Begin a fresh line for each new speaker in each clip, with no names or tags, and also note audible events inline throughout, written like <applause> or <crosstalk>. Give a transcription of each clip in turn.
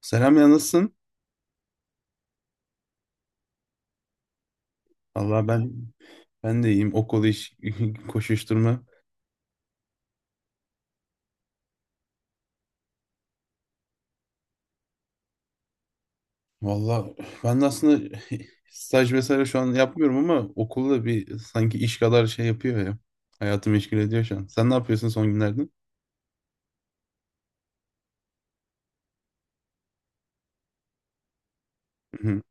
Selam ya, nasılsın? Valla ben de iyiyim. Okul, iş <laughs> koşuşturma. Valla ben de aslında <laughs> staj vesaire şu an yapmıyorum ama okulda bir sanki iş kadar şey yapıyor ya. Hayatımı meşgul ediyor şu an. Sen ne yapıyorsun son günlerde? Hı hı,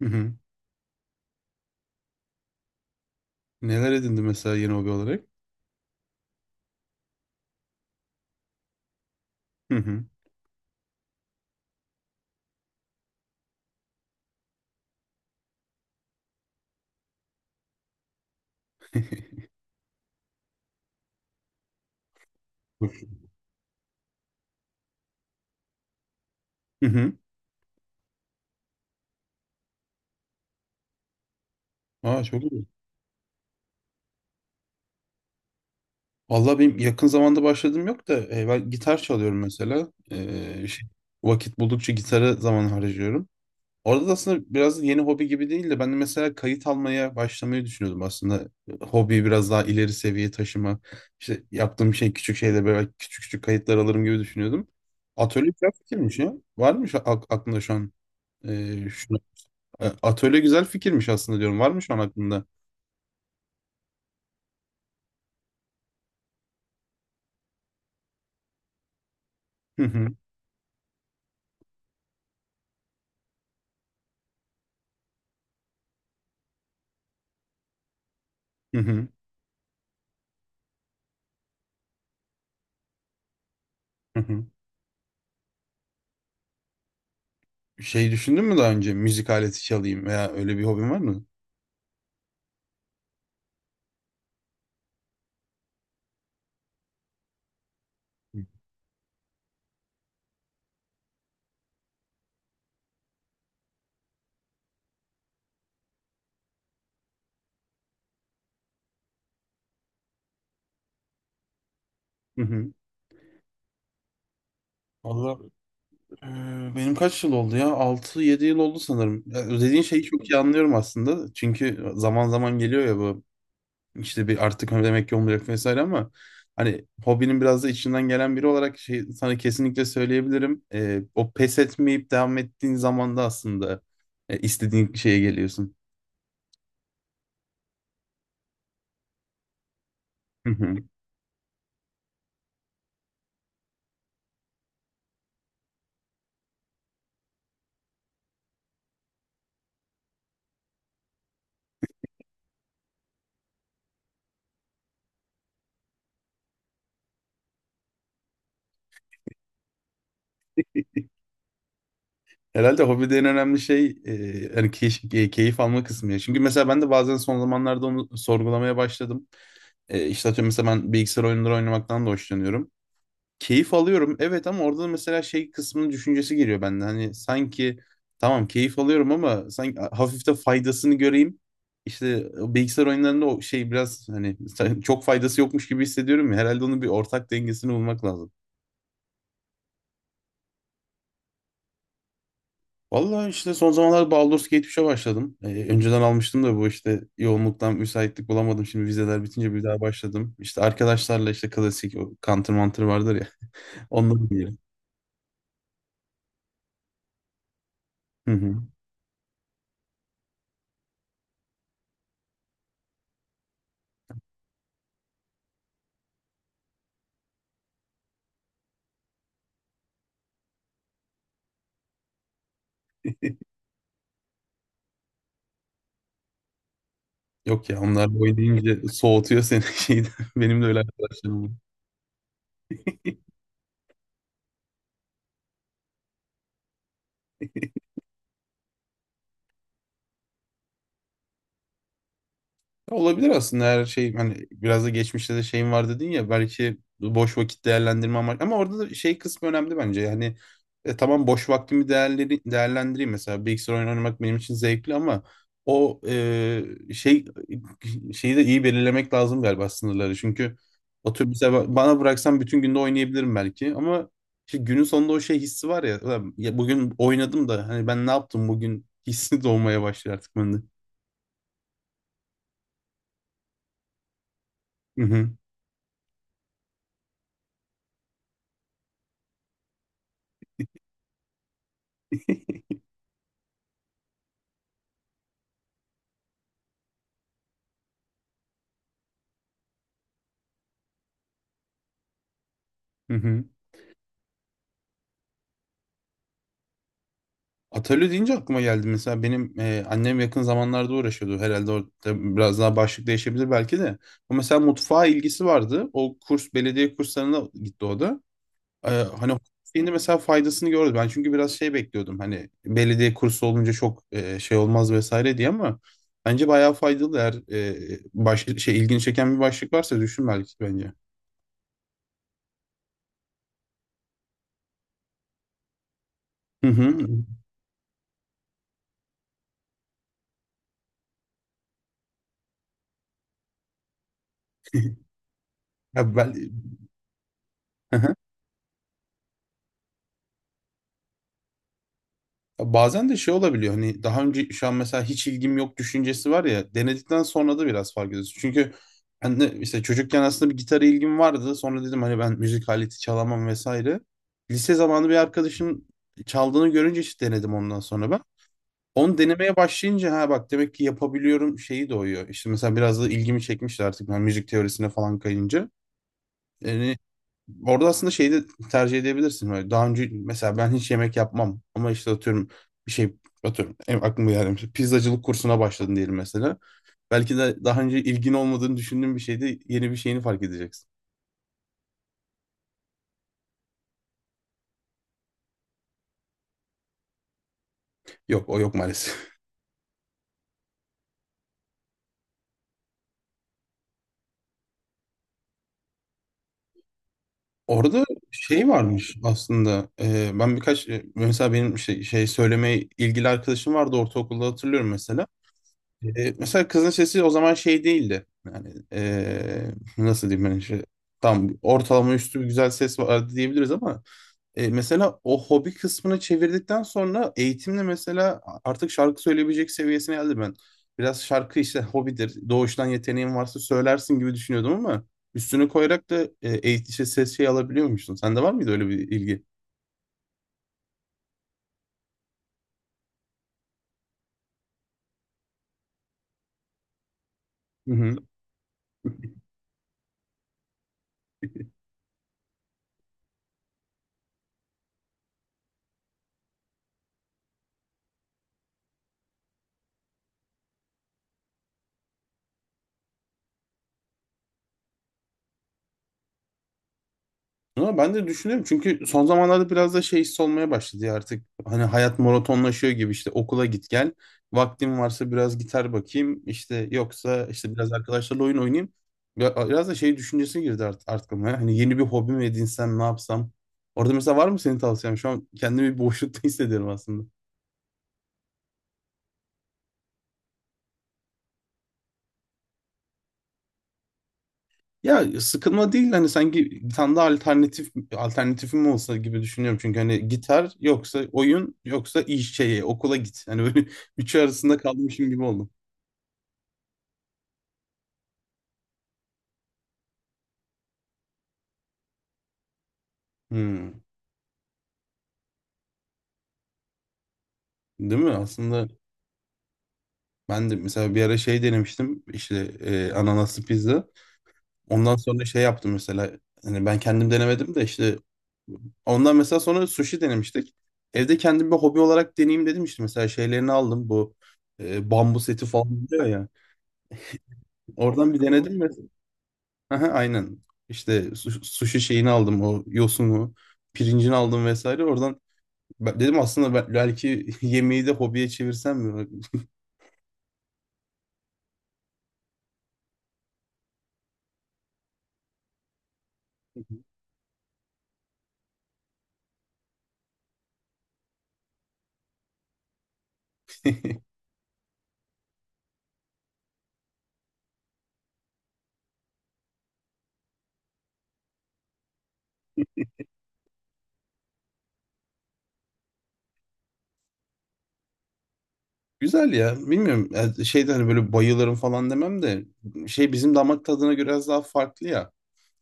hı hı. Neler edindin mesela yeni hobi olarak? Hı hı. <laughs> Hı hı. Aa, çok iyi. Valla benim yakın zamanda başladığım yok da ben gitar çalıyorum mesela. Vakit buldukça gitara zaman harcıyorum. Orada da aslında biraz yeni hobi gibi değil de ben de mesela kayıt almaya başlamayı düşünüyordum aslında. Hobiyi biraz daha ileri seviyeye taşıma. İşte yaptığım şey küçük şeyde böyle küçük küçük kayıtlar alırım gibi düşünüyordum. Atölye güzel fikirmiş ya. Var mı şu, aklında şu an? Ee, şu, Atölye güzel fikirmiş aslında diyorum. Var mı şu an aklında? Hı hı, hı hı, hı hı. Şey düşündün mü daha önce? Müzik aleti çalayım veya öyle bir hobin var mı? Hı hı. Ee, Benim kaç yıl oldu ya? Altı yedi yıl oldu sanırım. Ya, dediğin şeyi çok iyi anlıyorum aslında. Çünkü zaman zaman geliyor ya bu işte, bir artık hani demek ki olmayacak vesaire ama hani hobinin biraz da içinden gelen biri olarak şey, sana kesinlikle söyleyebilirim. O pes etmeyip devam ettiğin zaman da aslında istediğin şeye geliyorsun. Hı hı. Herhalde hobide en önemli şey hani keyif alma kısmı ya. Çünkü mesela ben de bazen son zamanlarda onu sorgulamaya başladım. İşte atıyorum, mesela ben bilgisayar oyunları oynamaktan da hoşlanıyorum, keyif alıyorum. Evet, ama orada da mesela şey kısmının düşüncesi geliyor bende. Hani sanki tamam, keyif alıyorum ama sanki hafif de faydasını göreyim. İşte o bilgisayar oyunlarında o şey biraz hani <laughs> çok faydası yokmuş gibi hissediyorum ya. Herhalde onun bir ortak dengesini bulmak lazım. Vallahi, işte son zamanlarda Baldur's Gate 3'e başladım. Önceden almıştım da bu işte yoğunluktan müsaitlik bulamadım. Şimdi vizeler bitince bir daha başladım. İşte arkadaşlarla işte klasik o Counter Mantır vardır ya. <laughs> Onları diyelim. Yok ya, onlar oynayınca soğutuyor seni <laughs> şeyden. Benim de öyle arkadaşlarım var. Olabilir aslında, her şey hani biraz da geçmişte de şeyim var dedin ya, belki boş vakit değerlendirme amaç ama orada da şey kısmı önemli bence. Yani tamam, boş vaktimi değerlendireyim, mesela bilgisayar oyunu oynamak benim için zevkli ama o e, şey şeyi de iyi belirlemek lazım galiba, sınırları. Çünkü otur mesela, bana bıraksan bütün günde oynayabilirim belki ama işte günün sonunda o şey hissi var ya, "Ulan ya, bugün oynadım da hani ben ne yaptım bugün" hissi <laughs> doğmaya başlıyor artık bende. Hı hı. <laughs> Hı hı. Atölye deyince aklıma geldi. Mesela benim annem yakın zamanlarda uğraşıyordu. Herhalde orada biraz daha başlık değişebilir belki de. O mesela mutfağa ilgisi vardı. O kurs, belediye kurslarına gitti o da. E, hani şimdi mesela faydasını gördüm. Ben çünkü biraz şey bekliyordum. Hani belediye kursu olunca çok şey olmaz vesaire diye, ama bence bayağı faydalı. Eğer şey, ilgini çeken bir başlık varsa düşün belki, bence. Hı hı. <laughs> Ya ben... <laughs> Ya, bazen de şey olabiliyor, hani daha önce şu an mesela hiç ilgim yok düşüncesi var ya, denedikten sonra da biraz fark ediyorsun. Çünkü ben de işte çocukken aslında bir gitara ilgim vardı. Sonra dedim hani ben müzik aleti çalamam vesaire. Lise zamanı bir arkadaşım çaldığını görünce işte denedim ondan sonra ben. Onu denemeye başlayınca, ha bak, demek ki yapabiliyorum şeyi doğuyor. İşte mesela biraz da ilgimi çekmişti artık ben müzik teorisine falan kayınca. Yani orada aslında şeyi de tercih edebilirsin. Böyle daha önce mesela ben hiç yemek yapmam ama işte atıyorum, bir şey atıyorum, en aklıma geldi. Pizzacılık kursuna başladın diyelim mesela. Belki de daha önce ilgin olmadığını düşündüğün bir şeyde yeni bir şeyini fark edeceksin. Yok, o yok maalesef. <laughs> Orada şey varmış aslında. Ben birkaç mesela benim şey, şey söylemeye ilgili arkadaşım vardı ortaokulda, hatırlıyorum mesela. Mesela kızın sesi o zaman şey değildi. Yani nasıl diyeyim ben, işte tam ortalama üstü bir güzel ses vardı diyebiliriz ama mesela o hobi kısmını çevirdikten sonra eğitimle mesela artık şarkı söyleyebilecek seviyesine geldi ben. Biraz şarkı işte hobidir. Doğuştan yeteneğin varsa söylersin gibi düşünüyordum ama üstüne koyarak da eğitici ses şey alabiliyormuşsun. Sende var mıydı öyle bir ilgi? Ama ben de düşünüyorum çünkü son zamanlarda biraz da şey hissi olmaya başladı ya artık. Hani hayat maratonlaşıyor gibi, işte okula git gel. Vaktim varsa biraz gitar bakayım, işte yoksa işte biraz arkadaşlarla oyun oynayayım. Biraz da şey düşüncesi girdi artık aklıma ya. Hani yeni bir hobi mi edinsem, ne yapsam. Orada mesela var mı senin tavsiyen? Şu an kendimi bir boşlukta <laughs> hissediyorum aslında. Ya, sıkılma değil, hani sanki bir tane daha alternatifim olsa gibi düşünüyorum. Çünkü hani gitar yoksa oyun, yoksa iş şeye okula git. Hani böyle <laughs> üçü arasında kalmışım gibi oldum. Hmm, değil mi? Aslında ben de mesela bir ara şey denemiştim, işte ananaslı pizza. Ondan sonra şey yaptım mesela, hani ben kendim denemedim de işte ondan mesela sonra sushi denemiştik. Evde kendim bir hobi olarak deneyeyim dedim işte, mesela şeylerini aldım bu bambu seti falan diyor ya. Oradan bir denedim. Aha, aynen. İşte sushi şeyini aldım, o yosunu, pirincini aldım vesaire. Oradan dedim, aslında belki <laughs> yemeği de hobiye çevirsem mi? <laughs> Güzel ya. Bilmiyorum. Yani şeyde hani böyle bayılırım falan demem de şey, bizim damak tadına göre biraz daha farklı ya.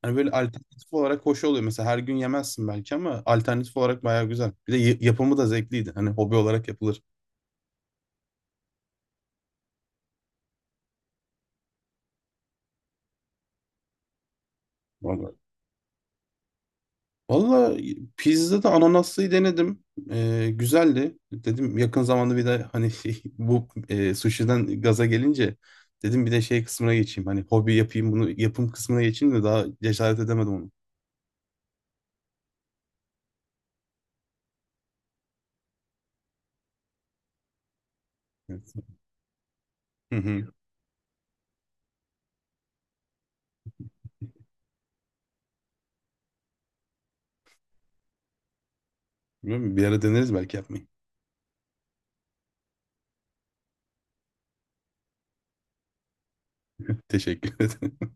Hani böyle alternatif olarak hoş oluyor. Mesela her gün yemezsin belki ama alternatif olarak bayağı güzel. Bir de yapımı da zevkliydi. Hani hobi olarak yapılır. Vallahi. Valla pizzada ananaslıyı denedim. Güzeldi. Dedim yakın zamanda bir de hani <laughs> bu sushi'den gaza gelince dedim bir de şey kısmına geçeyim. Hani hobi yapayım bunu, yapım kısmına geçeyim de daha cesaret edemedim onu. Evet. Hı hı. Bilmiyorum, bir ara deneriz belki yapmayı. <laughs> Teşekkür ederim.